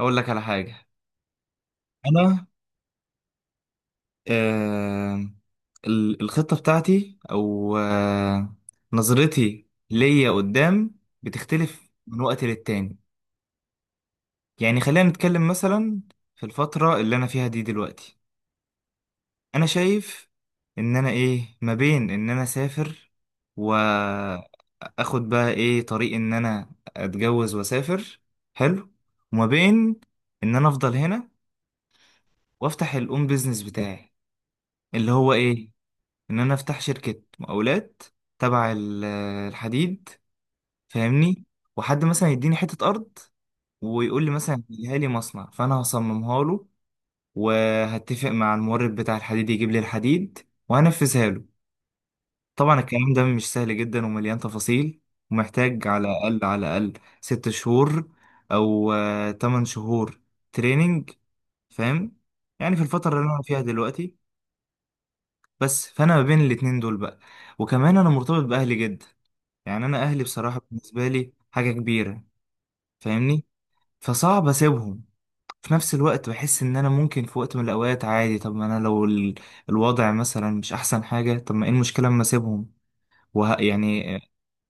اقول لك على حاجه. انا آه الخطه بتاعتي او نظرتي ليا قدام بتختلف من وقت للتاني. يعني خلينا نتكلم مثلا في الفتره اللي انا فيها دي دلوقتي، انا شايف ان انا ايه ما بين ان انا اسافر، واخد بقى ايه طريق ان انا اتجوز واسافر، حلو، وما بين ان انا افضل هنا وافتح الاون بيزنس بتاعي اللي هو ايه، ان انا افتح شركة مقاولات تبع الحديد، فاهمني؟ وحد مثلا يديني حتة ارض ويقول لي مثلا هيها لي مصنع، فانا هصممها له وهتفق مع المورد بتاع الحديد يجيب لي الحديد وهنفذها له. طبعا الكلام ده مش سهل جدا ومليان تفاصيل، ومحتاج على الاقل على الاقل ست شهور او تمن شهور تريننج، فاهم؟ يعني في الفترة اللي انا فيها دلوقتي بس، فانا ما بين الاتنين دول بقى. وكمان انا مرتبط باهلي جدا، يعني انا اهلي بصراحة بالنسبة لي حاجة كبيرة، فاهمني؟ فصعب اسيبهم. في نفس الوقت بحس ان انا ممكن في وقت من الاوقات عادي، طب ما انا لو الوضع مثلا مش احسن حاجة، طب ما ايه المشكلة اما اسيبهم؟ يعني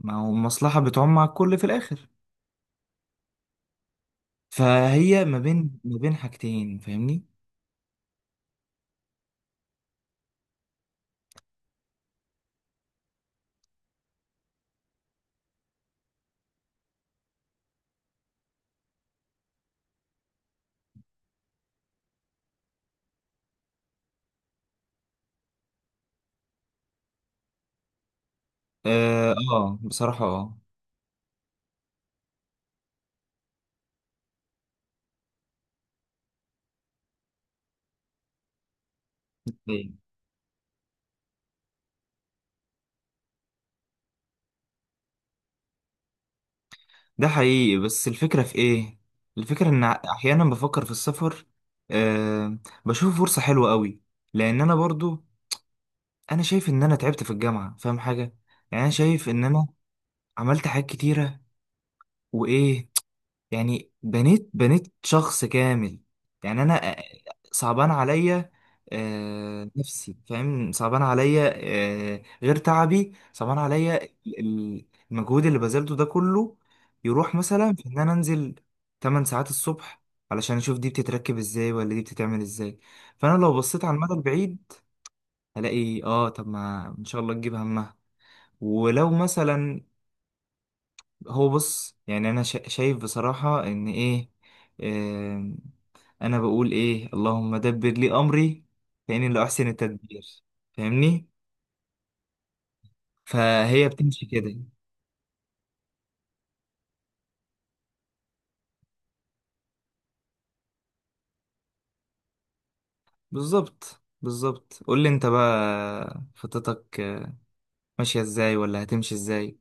ما هو المصلحة بتعم على الكل في الاخر. فهي ما بين حاجتين، فاهمني؟ بصراحة اه، ده حقيقي. بس الفكرة في ايه؟ الفكرة ان احيانا بفكر في السفر، آه، بشوف فرصة حلوة قوي، لان انا برضو انا شايف ان انا تعبت في الجامعه، فاهم حاجه؟ يعني انا شايف ان انا عملت حاجات كتيره وايه، يعني بنيت شخص كامل. يعني انا صعبان عليا، نفسي، فاهم؟ صعبان عليا، غير تعبي، صعبان عليا المجهود اللي بذلته ده كله، يروح مثلا في ان انا انزل 8 ساعات الصبح علشان اشوف دي بتتركب ازاي ولا دي بتتعمل ازاي. فانا لو بصيت على المدى البعيد هلاقي اه، طب ما ان شاء الله تجيب همها. ولو مثلا، هو بص، يعني انا شايف بصراحة ان ايه، آم، انا بقول ايه: اللهم دبر لي امري فاني لا احسن التدبير، فاهمني؟ فهي بتمشي كده. بالظبط بالظبط. قول لي انت بقى خطتك ماشية ازاي ولا هتمشي ازاي؟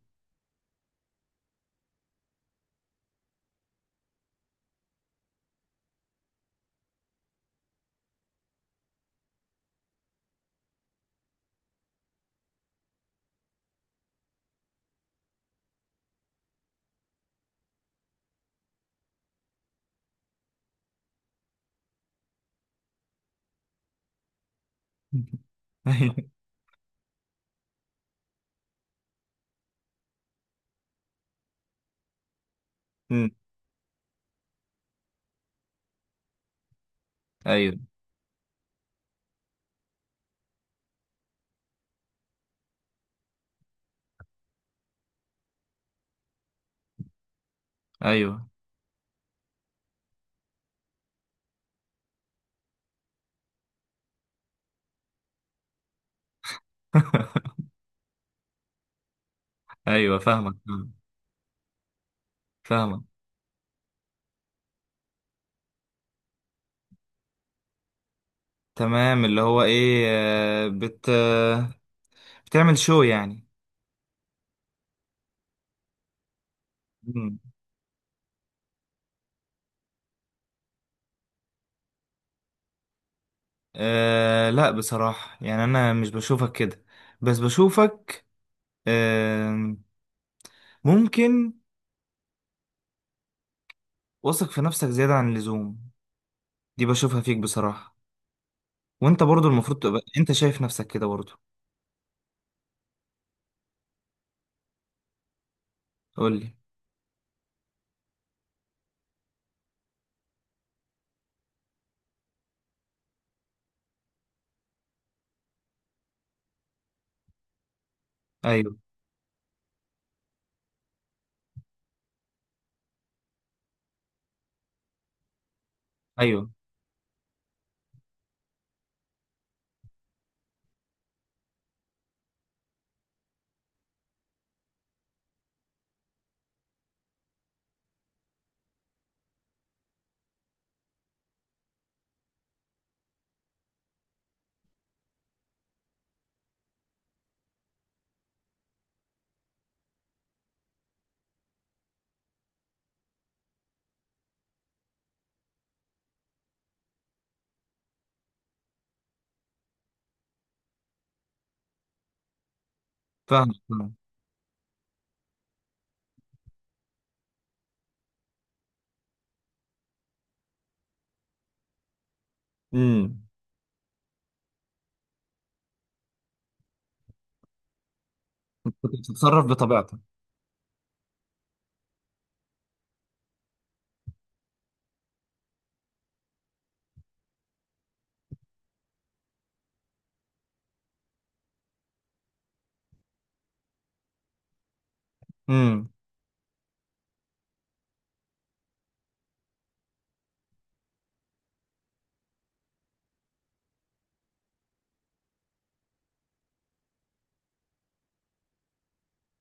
ايوه. أمم. ايوه. ايوه. ايوه فاهمك فاهمك فاهمك. تمام، اللي هو ايه آه، بت آه، بتعمل شو يعني. أه لا، بصراحة يعني أنا مش بشوفك كده، بس بشوفك أه ممكن واثق في نفسك زيادة عن اللزوم. دي بشوفها فيك بصراحة، وأنت برضو المفروض تبقى أنت شايف نفسك كده برضو. قولي. أيوه. أيوه فاهم فاهم. امم. كنت بتتصرف بطبيعتك. امم.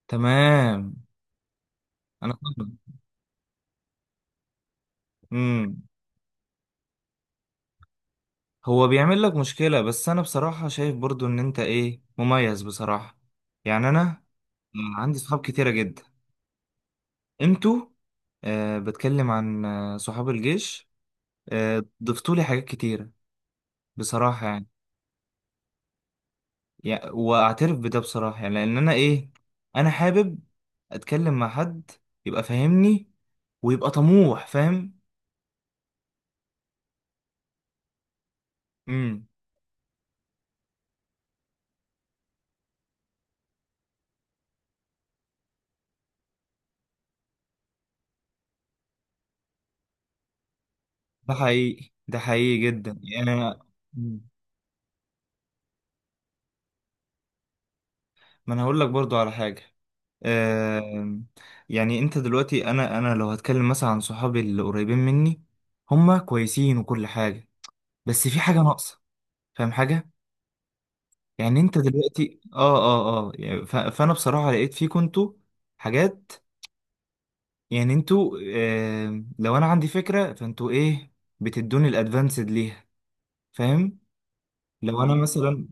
تمام أنا فاهم. امم. هو بيعمل لك مشكلة، بس أنا بصراحة شايف برضو إن أنت إيه مميز بصراحة. يعني أنا عندي صحاب كتيرة جدا. انتوا، بتكلم عن صحاب الجيش، آه ضفتولي حاجات كتيرة بصراحة يعني، يعني واعترف بده بصراحة، يعني لان انا ايه، انا حابب اتكلم مع حد يبقى فاهمني ويبقى طموح، فاهم؟ امم. ده حقيقي، ده حقيقي جدا، يعني مم. ما انا هقول لك برضو على حاجة. آه، يعني انت دلوقتي، انا لو هتكلم مثلا عن صحابي اللي قريبين مني، هما كويسين وكل حاجة بس في حاجة ناقصة، فاهم حاجة؟ يعني انت دلوقتي يعني فانا بصراحة لقيت فيكم انتوا حاجات. يعني انتوا لو انا عندي فكرة فانتوا ايه، بتدوني الادفانسد ليها، فاهم؟ لو انا مثلا.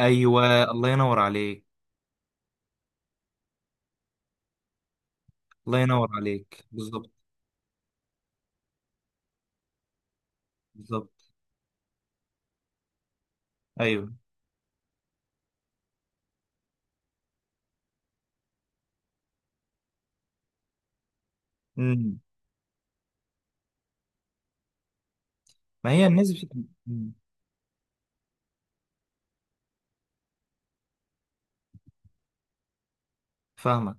ايوه الله ينور عليك. الله ينور عليك. بالظبط. بالظبط. ايوه. امم. ما هي الناس مم. فاهمك.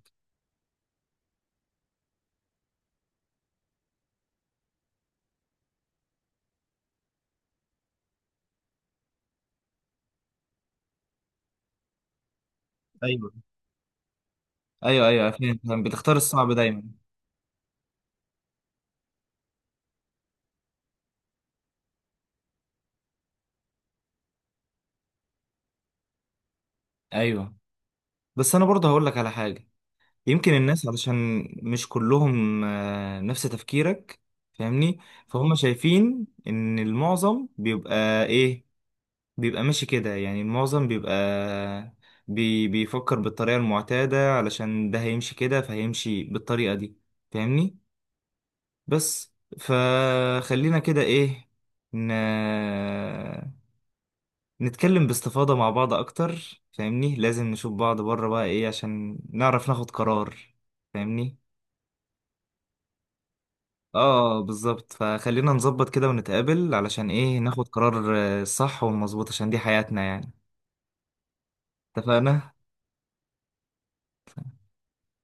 ايوه. ايوه ايوه فاهم فاهم. بتختار الصعب دايما. ايوه. بس انا برضه هقول لك على حاجة، يمكن الناس علشان مش كلهم نفس تفكيرك، فاهمني؟ فهم شايفين ان المعظم بيبقى ايه، بيبقى ماشي كده. يعني المعظم بيبقى بيفكر بالطريقة المعتادة، علشان ده هيمشي كده فهيمشي بالطريقة دي، فاهمني؟ بس، فخلينا كده ايه، ن... نتكلم باستفاضة مع بعض اكتر، فاهمني؟ لازم نشوف بعض بره بقى ايه عشان نعرف ناخد قرار، فاهمني؟ اه بالظبط، فخلينا نظبط كده ونتقابل علشان ايه ناخد قرار صح ومظبوط، عشان دي حياتنا يعني. اتفقنا.